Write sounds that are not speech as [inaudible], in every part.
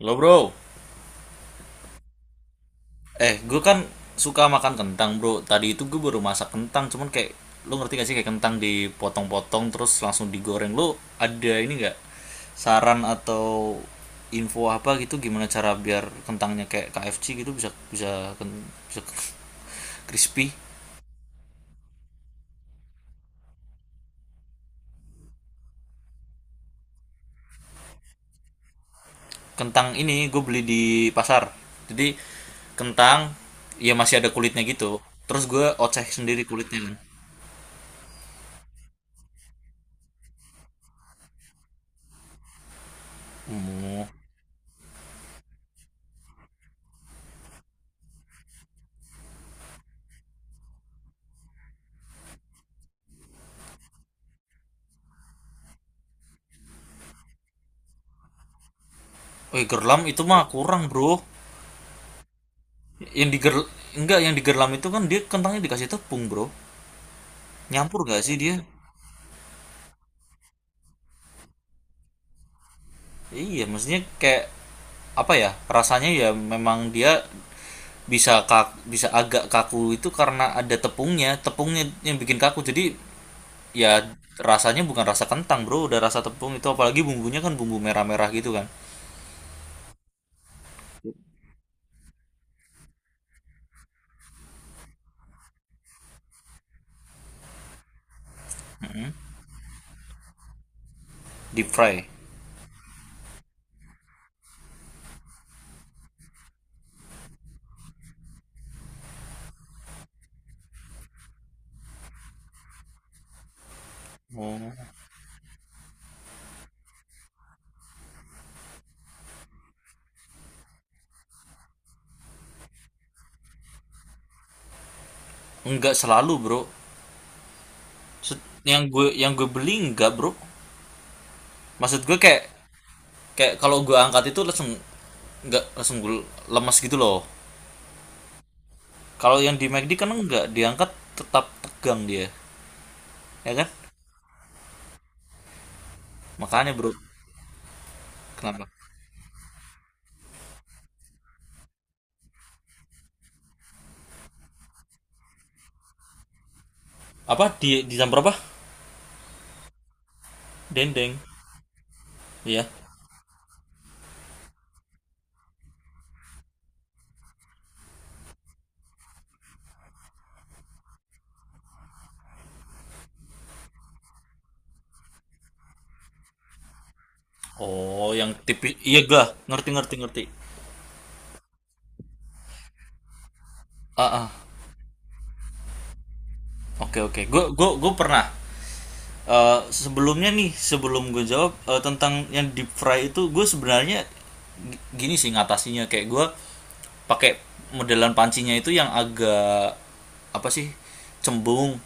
Lo bro, gue kan suka makan kentang bro. Tadi itu gue baru masak kentang, cuman kayak lo ngerti gak sih kayak kentang dipotong-potong terus langsung digoreng. Lo ada ini gak saran atau info apa gitu gimana cara biar kentangnya kayak KFC gitu bisa bisa bisa [laughs] crispy? Kentang ini gue beli di pasar. Jadi kentang ya masih ada kulitnya gitu. Terus gue oceh sendiri kulitnya kan. Oh, gerlam itu mah kurang bro. Yang di ger- enggak, yang di gerlam itu kan dia kentangnya dikasih tepung, Bro. Nyampur gak sih dia? Iya, maksudnya kayak apa ya? Rasanya ya memang dia bisa agak kaku itu karena ada tepungnya, tepungnya yang bikin kaku. Jadi ya rasanya bukan rasa kentang, Bro, udah rasa tepung itu apalagi bumbunya kan bumbu merah-merah gitu kan. Deep fry. Oh. Enggak selalu, Bro. Se- Yang gue beli enggak, Bro. Maksud gue kayak kayak kalau gue angkat itu langsung, nggak langsung gue lemas gitu loh, kalau yang di McD kan nggak diangkat, tetap tegang dia ya kan. Makanya bro, kenapa apa di jam berapa dendeng, iya. Oh, yang tipis, iya, gak ngerti, ngerti, ngerti. Ah, ah. Oke, oke, gue pernah. Sebelumnya nih, sebelum gue jawab tentang yang deep fry itu, gue sebenarnya gini sih ngatasinya, kayak gue pakai modelan pancinya itu yang agak apa sih, cembung.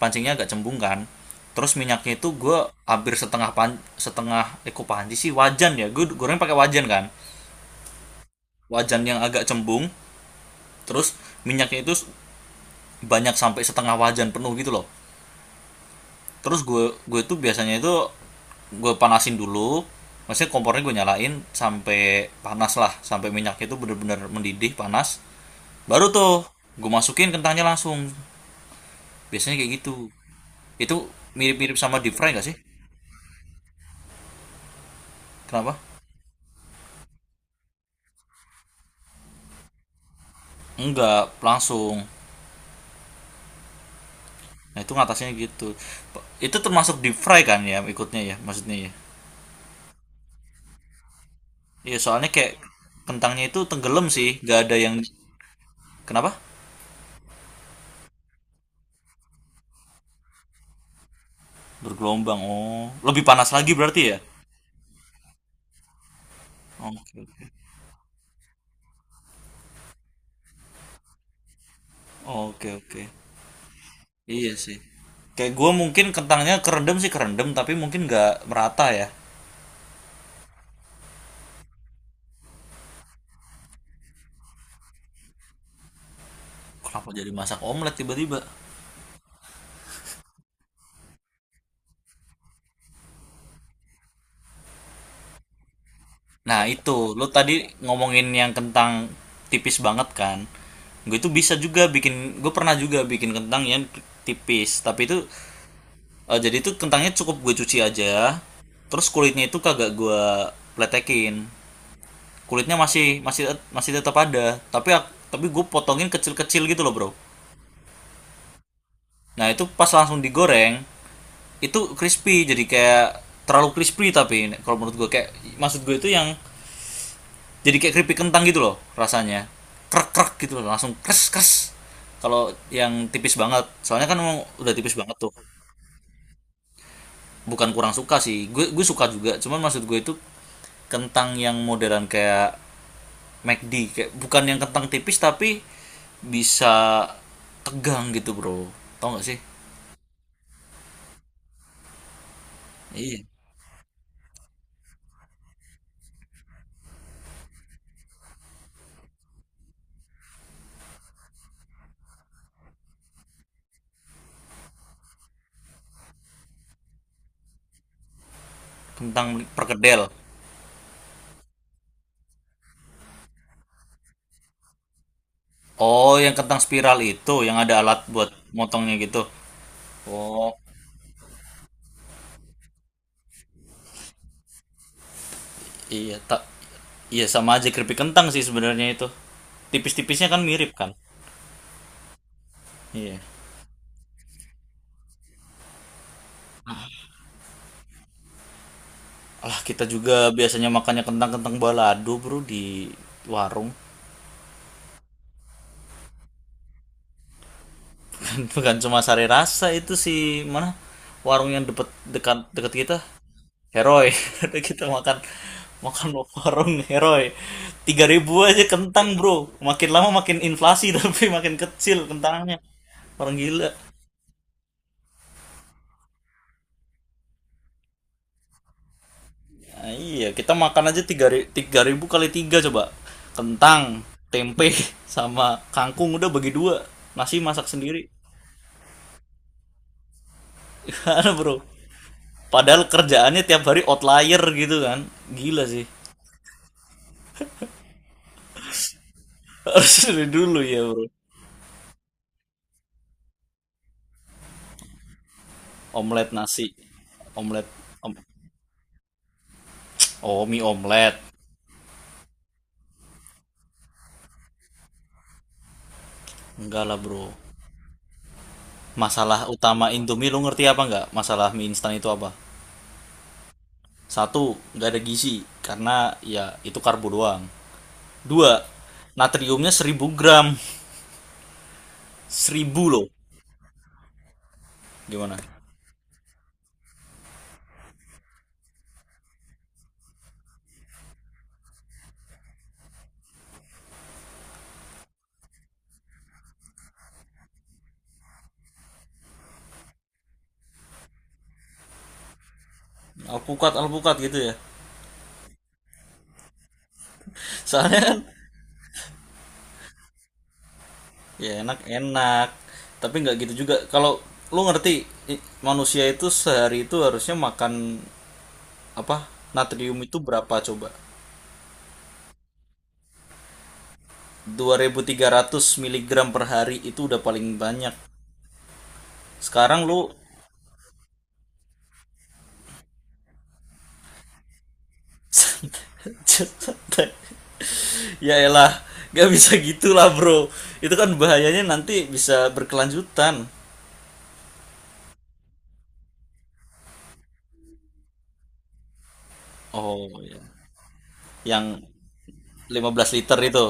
Pancingnya agak cembung kan, terus minyaknya itu gue hampir setengah pan setengah eko panci sih, wajan ya, gue goreng pakai wajan kan. Wajan yang agak cembung, terus minyaknya itu banyak sampai setengah wajan penuh gitu loh. Terus gue tuh biasanya itu gue panasin dulu, maksudnya kompornya gue nyalain sampai panas lah, sampai minyaknya itu bener-bener mendidih panas, baru tuh gue masukin kentangnya langsung. Biasanya kayak gitu. Itu mirip-mirip sama deep fry gak sih? Kenapa enggak langsung, nah itu ngatasnya gitu. Itu termasuk deep fry kan ya, ikutnya ya, maksudnya ya, iya. Soalnya kayak kentangnya itu tenggelam sih, gak ada yang, kenapa bergelombang, oh lebih panas lagi berarti ya. Oke, oke. Oke, oke. Iya sih. Kayak gue mungkin kentangnya kerendam sih, kerendam, tapi mungkin nggak merata ya. Kenapa jadi masak omelet tiba-tiba? Nah itu lo tadi ngomongin yang kentang tipis banget kan. Gue itu bisa juga bikin, gue pernah juga bikin kentang yang tipis tapi itu jadi itu kentangnya cukup gue cuci aja. Terus kulitnya itu kagak gue pletekin. Kulitnya masih masih masih tetap ada, tapi tapi gue potongin kecil-kecil gitu loh bro. Nah itu pas langsung digoreng itu crispy, jadi kayak terlalu crispy, tapi kalau menurut gue kayak, maksud gue itu yang jadi kayak keripik kentang gitu loh, rasanya krek krek gitu loh, langsung kres kres. Kalau yang tipis banget soalnya kan emang udah tipis banget tuh, bukan kurang suka sih, gue suka juga, cuman maksud gue itu kentang yang modern kayak McD, kayak bukan yang kentang tipis, tapi bisa tegang gitu bro, tau nggak sih. Iya, kentang perkedel. Oh, yang kentang spiral itu yang ada alat buat motongnya gitu. Oh, iya tak iya, sama aja keripik kentang sih sebenarnya itu. Tipis-tipisnya kan mirip kan? Iya. Alah, kita juga biasanya makannya kentang-kentang balado, Bro, di warung. [laughs] Bukan cuma sari rasa itu sih, mana? Warung yang deket, dekat dekat kita. Heroi. [laughs] Udah kita makan makan [laughs] warung heroi. 3.000 aja kentang, Bro. Makin lama makin inflasi [laughs] tapi makin kecil kentangnya. Orang gila. Nah, iya, kita makan aja 3.000 kali 3 coba. Kentang, tempe [laughs] sama kangkung udah bagi dua. Nasi masak sendiri. [laughs] Gimana, Bro? Padahal kerjaannya tiap hari outlier gitu kan. Gila sih. [laughs] Harus dari dulu ya, Bro. Omelet nasi. Omelet om, oh, mie omelet. Enggak lah bro. Masalah utama Indomie, lu ngerti apa nggak? Masalah mie instan itu apa? Satu, nggak ada gizi, karena ya itu karbo doang. Dua, natriumnya 1.000 gram. 1.000 loh. Gimana? Alpukat, alpukat gitu ya. [laughs] Soalnya kan ya enak-enak. Tapi nggak gitu juga. Kalau lu ngerti manusia itu sehari itu harusnya makan apa? Natrium itu berapa coba? 2.300 miligram per hari itu udah paling banyak. Sekarang lu [laughs] santai, ya elah, gak bisa gitulah bro, itu kan bahayanya nanti bisa berkelanjutan. Oh ya, yang 15 liter itu.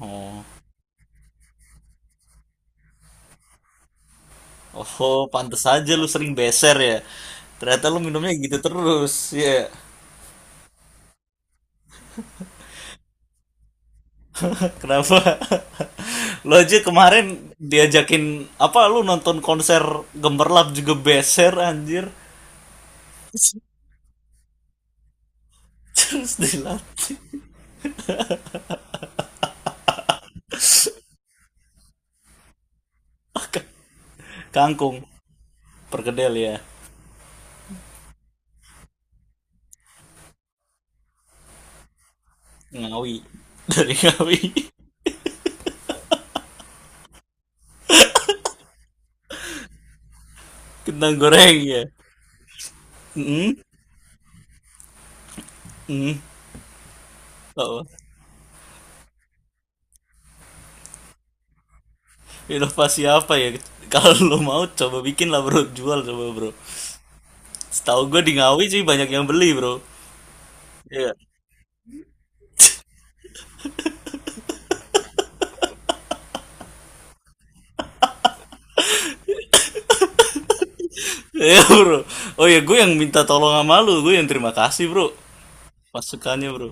Oh. Oh, pantes aja lu sering beser ya, ternyata lu minumnya gitu terus ya. [laughs] Kenapa? [laughs] Lu aja kemarin diajakin apa, lu nonton konser gemerlap juga beser anjir. [laughs] Terus dilatih? Kangkung, perkedel ya. Ngawi. Dari Ngawi. [laughs] Kentang goreng ya. Hmm? Hmm. Oh. Inovasi apa ya? Kalau lo mau coba bikin lah bro, jual coba bro. Setahu gue di Ngawi sih banyak yang beli bro. Iya. [laughs] Iya bro. Oh ya, gue yang minta tolong sama lu, gue yang terima kasih bro. Masukannya bro.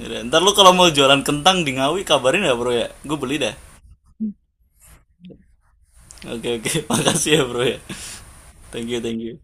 Yaudah, ntar lu kalau mau jualan kentang di Ngawi kabarin ya bro ya. Gue beli dah. Oke oke, [laughs] makasih ya bro ya. Thank you, thank you.